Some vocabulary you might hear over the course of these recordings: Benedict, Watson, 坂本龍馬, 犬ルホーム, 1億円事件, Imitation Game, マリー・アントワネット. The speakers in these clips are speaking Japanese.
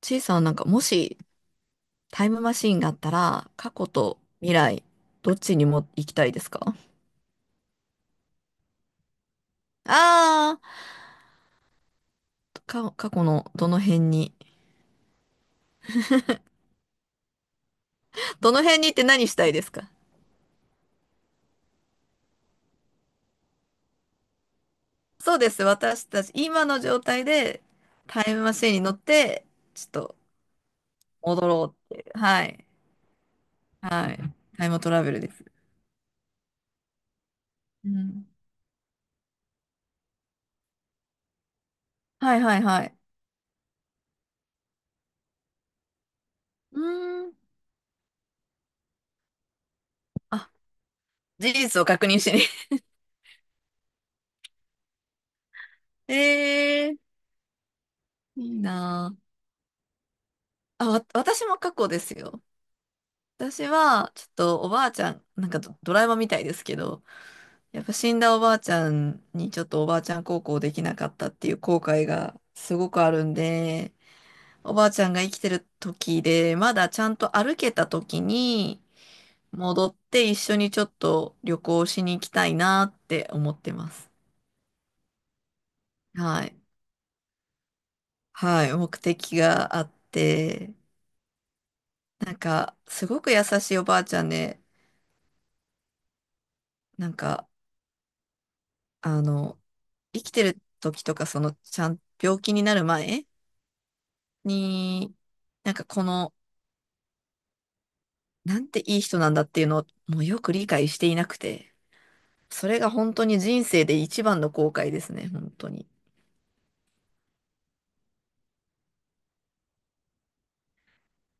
ちいさんはなんか、もしタイムマシーンがあったら、過去と未来、どっちにも行きたいですか？ああ過去のどの辺に。どの辺にって何したいですか？そうです。私たち、今の状態でタイムマシーンに乗って、ちょっと戻ろうっていう。はい。はい。タイムトラベルです。うん。はいはいはい。うーん。あ、事実を確認しに。ええー、いいなあ。あ、私も過去ですよ。私は、ちょっとおばあちゃん、なんかドラえもんみたいですけど、やっぱ死んだおばあちゃんにちょっとおばあちゃん孝行できなかったっていう後悔がすごくあるんで、おばあちゃんが生きてる時で、まだちゃんと歩けた時に戻って一緒にちょっと旅行しに行きたいなって思ってます。はい。はい。目的があって、なんか、すごく優しいおばあちゃんで、なんか、あの、生きてる時とか、その、ちゃん、病気になる前に、なんかこの、なんていい人なんだっていうのを、もうよく理解していなくて、それが本当に人生で一番の後悔ですね、本当に。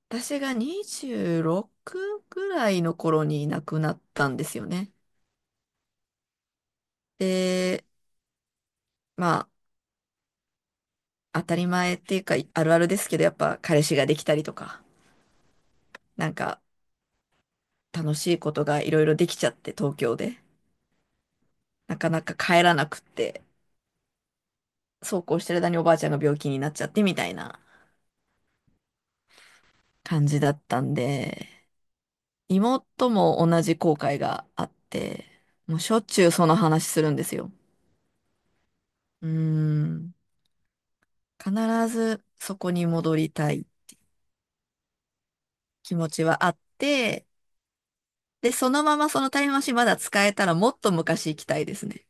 私が26ぐらいの頃に亡くなったんですよね。で、まあ、当たり前っていうか、あるあるですけど、やっぱ彼氏ができたりとか、なんか楽しいことがいろいろできちゃって、東京で。なかなか帰らなくって。そうこうしてる間におばあちゃんが病気になっちゃってみたいな感じだったんで、妹も同じ後悔があって、もうしょっちゅうその話するんですよ。うーん。必ずそこに戻りたい気持ちはあって、で、そのままそのタイムマシンまだ使えたらもっと昔行きたいですね。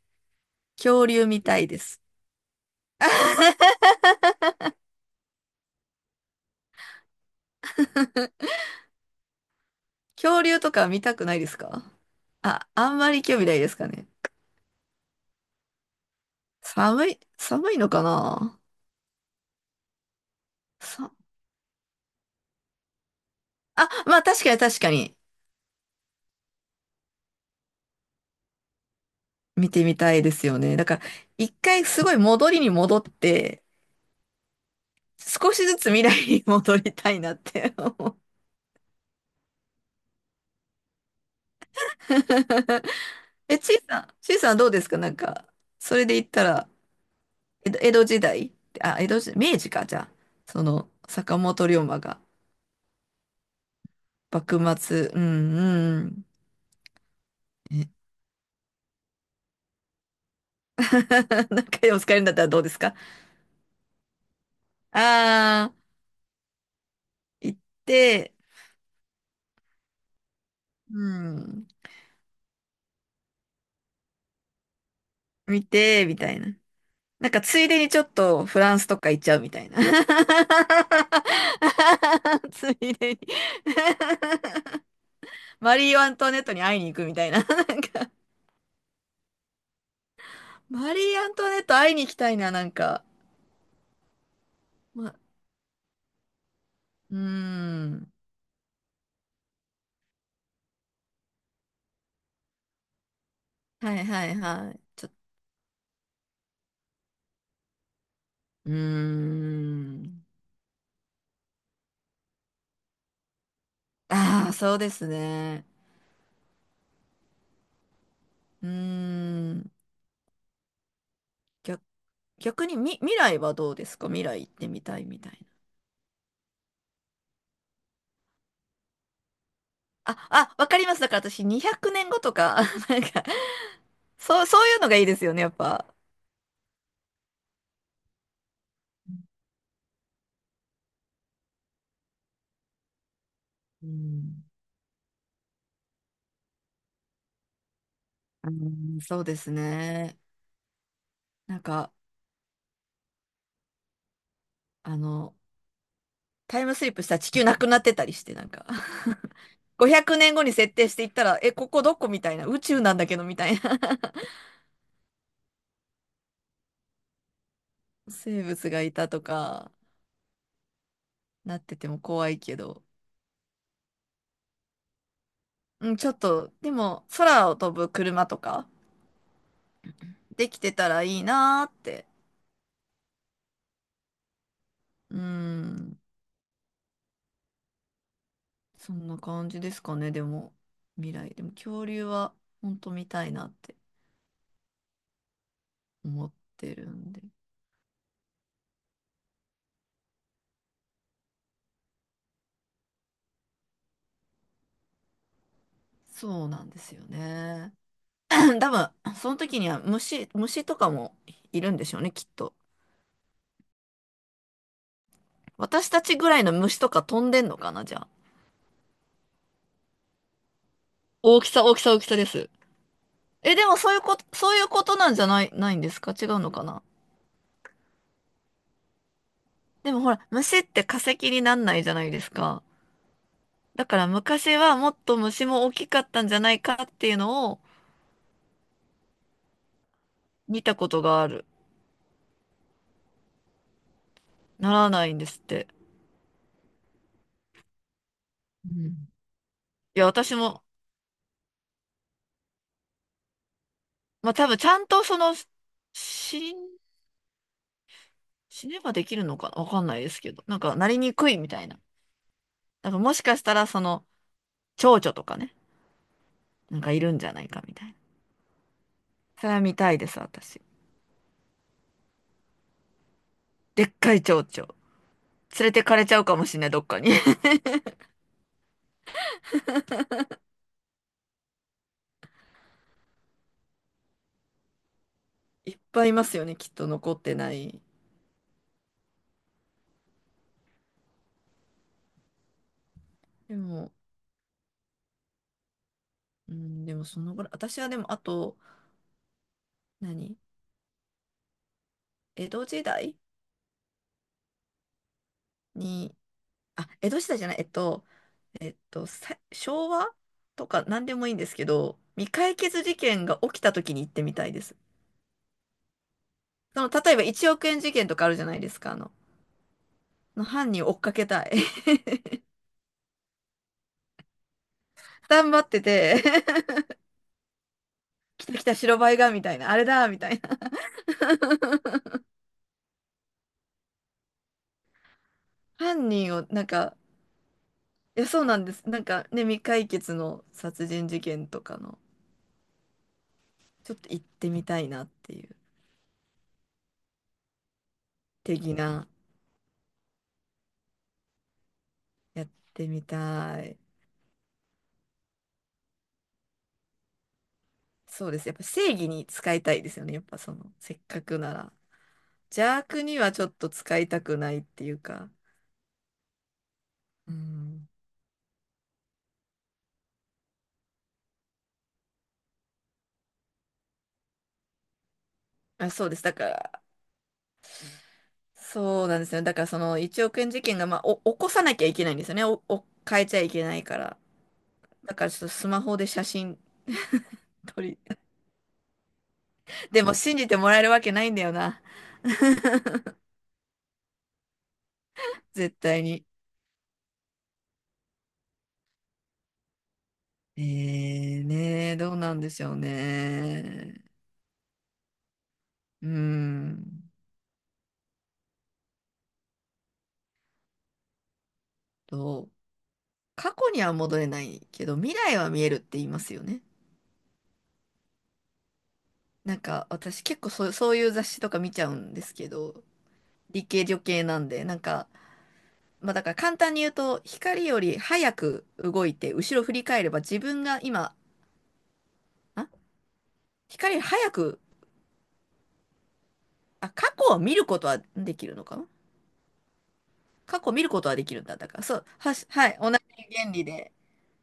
恐竜見たいです。恐竜とか見たくないですか？あ、あんまり興味ないですかね。寒いのかな？さあ、まあ確かに確かに。見てみたいですよね。だから、一回すごい戻りに戻って、少しずつ未来に戻りたいなって思う。え、ちいさんどうですか？なんか、それで言ったら、江戸時代、あ、江戸時代、明治か、じゃあ、その、坂本龍馬が、幕末、うん、うん、ね。 なんかでも使えるんだったらどうですか？ああー、行って、うん、見て、みたいな。なんかついでにちょっとフランスとか行っちゃうみたいな。ついでにマリー・アントワネットに会いに行くみたいな。なんか、マリー・アントワネット会いに行きたいな、なんか。ま、うーん。はいはいはい。うーん。ああ、そうですね。うーん。逆、逆に未来はどうですか？未来行ってみたいみたいな。あ、わかります。だから私200年後とか、なんか、そう、そういうのがいいですよね、やっぱ。うん。うん、そうですね。なんか、あの、タイムスリップしたら地球なくなってたりして、なんか 500年後に設定していったら、え、ここどこみたいな、宇宙なんだけどみたいな。 生物がいたとか、なってても怖いけど。うん、ちょっと、でも、空を飛ぶ車とか、できてたらいいなーって。うん。そんな感じですかね、でも、未来。でも、恐竜は、本当見たいなって思ってるんで。そうなんですよね。多分、その時には虫とかもいるんでしょうね、きっと。私たちぐらいの虫とか飛んでんのかな、じゃあ。大きさ、大きさ、大きさです。え、でもそういうことなんじゃないんですか？違うのかな？でもほら、虫って化石になんないじゃないですか。だから昔はもっと虫も大きかったんじゃないかっていうのを見たことがある。ならないんですって。うん。いや、私も、まあ多分ちゃんとその、死ん、死ねばできるのかわかんないですけど、なんかなりにくいみたいな。だからもしかしたらその、蝶々とかね、なんかいるんじゃないかみたいな。それは見たいです、私。でっかい蝶々。連れてかれちゃうかもしれない、どっかに。いっぱいいますよね、きっと残ってない。でも、うん、でもそのぐらい。私はでも、あと、何江戸時代に、あ、江戸時代じゃない、昭和とか何でもいいんですけど、未解決事件が起きた時に行ってみたいです。その、例えば1億円事件とかあるじゃないですか、の犯人を追っかけたい。頑張ってて。 来た来た白バイが、みたいな、あれだ、みたいな。犯人を、なんか、いや、そうなんです。なんかね、未解決の殺人事件とかの、ちょっと行ってみたいなっていう、的な、やってみたい。そうです。やっぱ正義に使いたいですよね。やっぱその、せっかくなら。邪悪にはちょっと使いたくないっていうか。うん。あ、そうです。だから、そうなんですよ。だから、その1億円事件が、まあ、起こさなきゃいけないんですよね。変えちゃいけないから。だから、ちょっとスマホで写真 撮り。でも、信じてもらえるわけないんだよな。絶対に。ねえ、どうなんでしょうね。うーんと、過去には戻れないけど、未来は見えるって言いますよね。なんか私結構そうそういう雑誌とか見ちゃうんですけど、理系女系なんで、なんか、まあだから簡単に言うと、光より早く動いて、後ろ振り返れば自分が今、あ、光より早く、あ、過去を見ることはできるのかな？過去を見ることはできるんだ。だから、そう、はい、同じ原理で、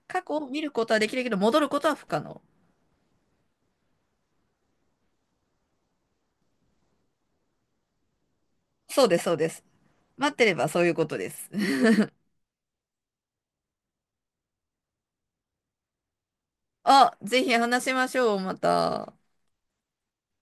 過去を見ることはできるけど、戻ることは不可能。そうです、そうです。待ってればそういうことです。あ、ぜひ話しましょう、また。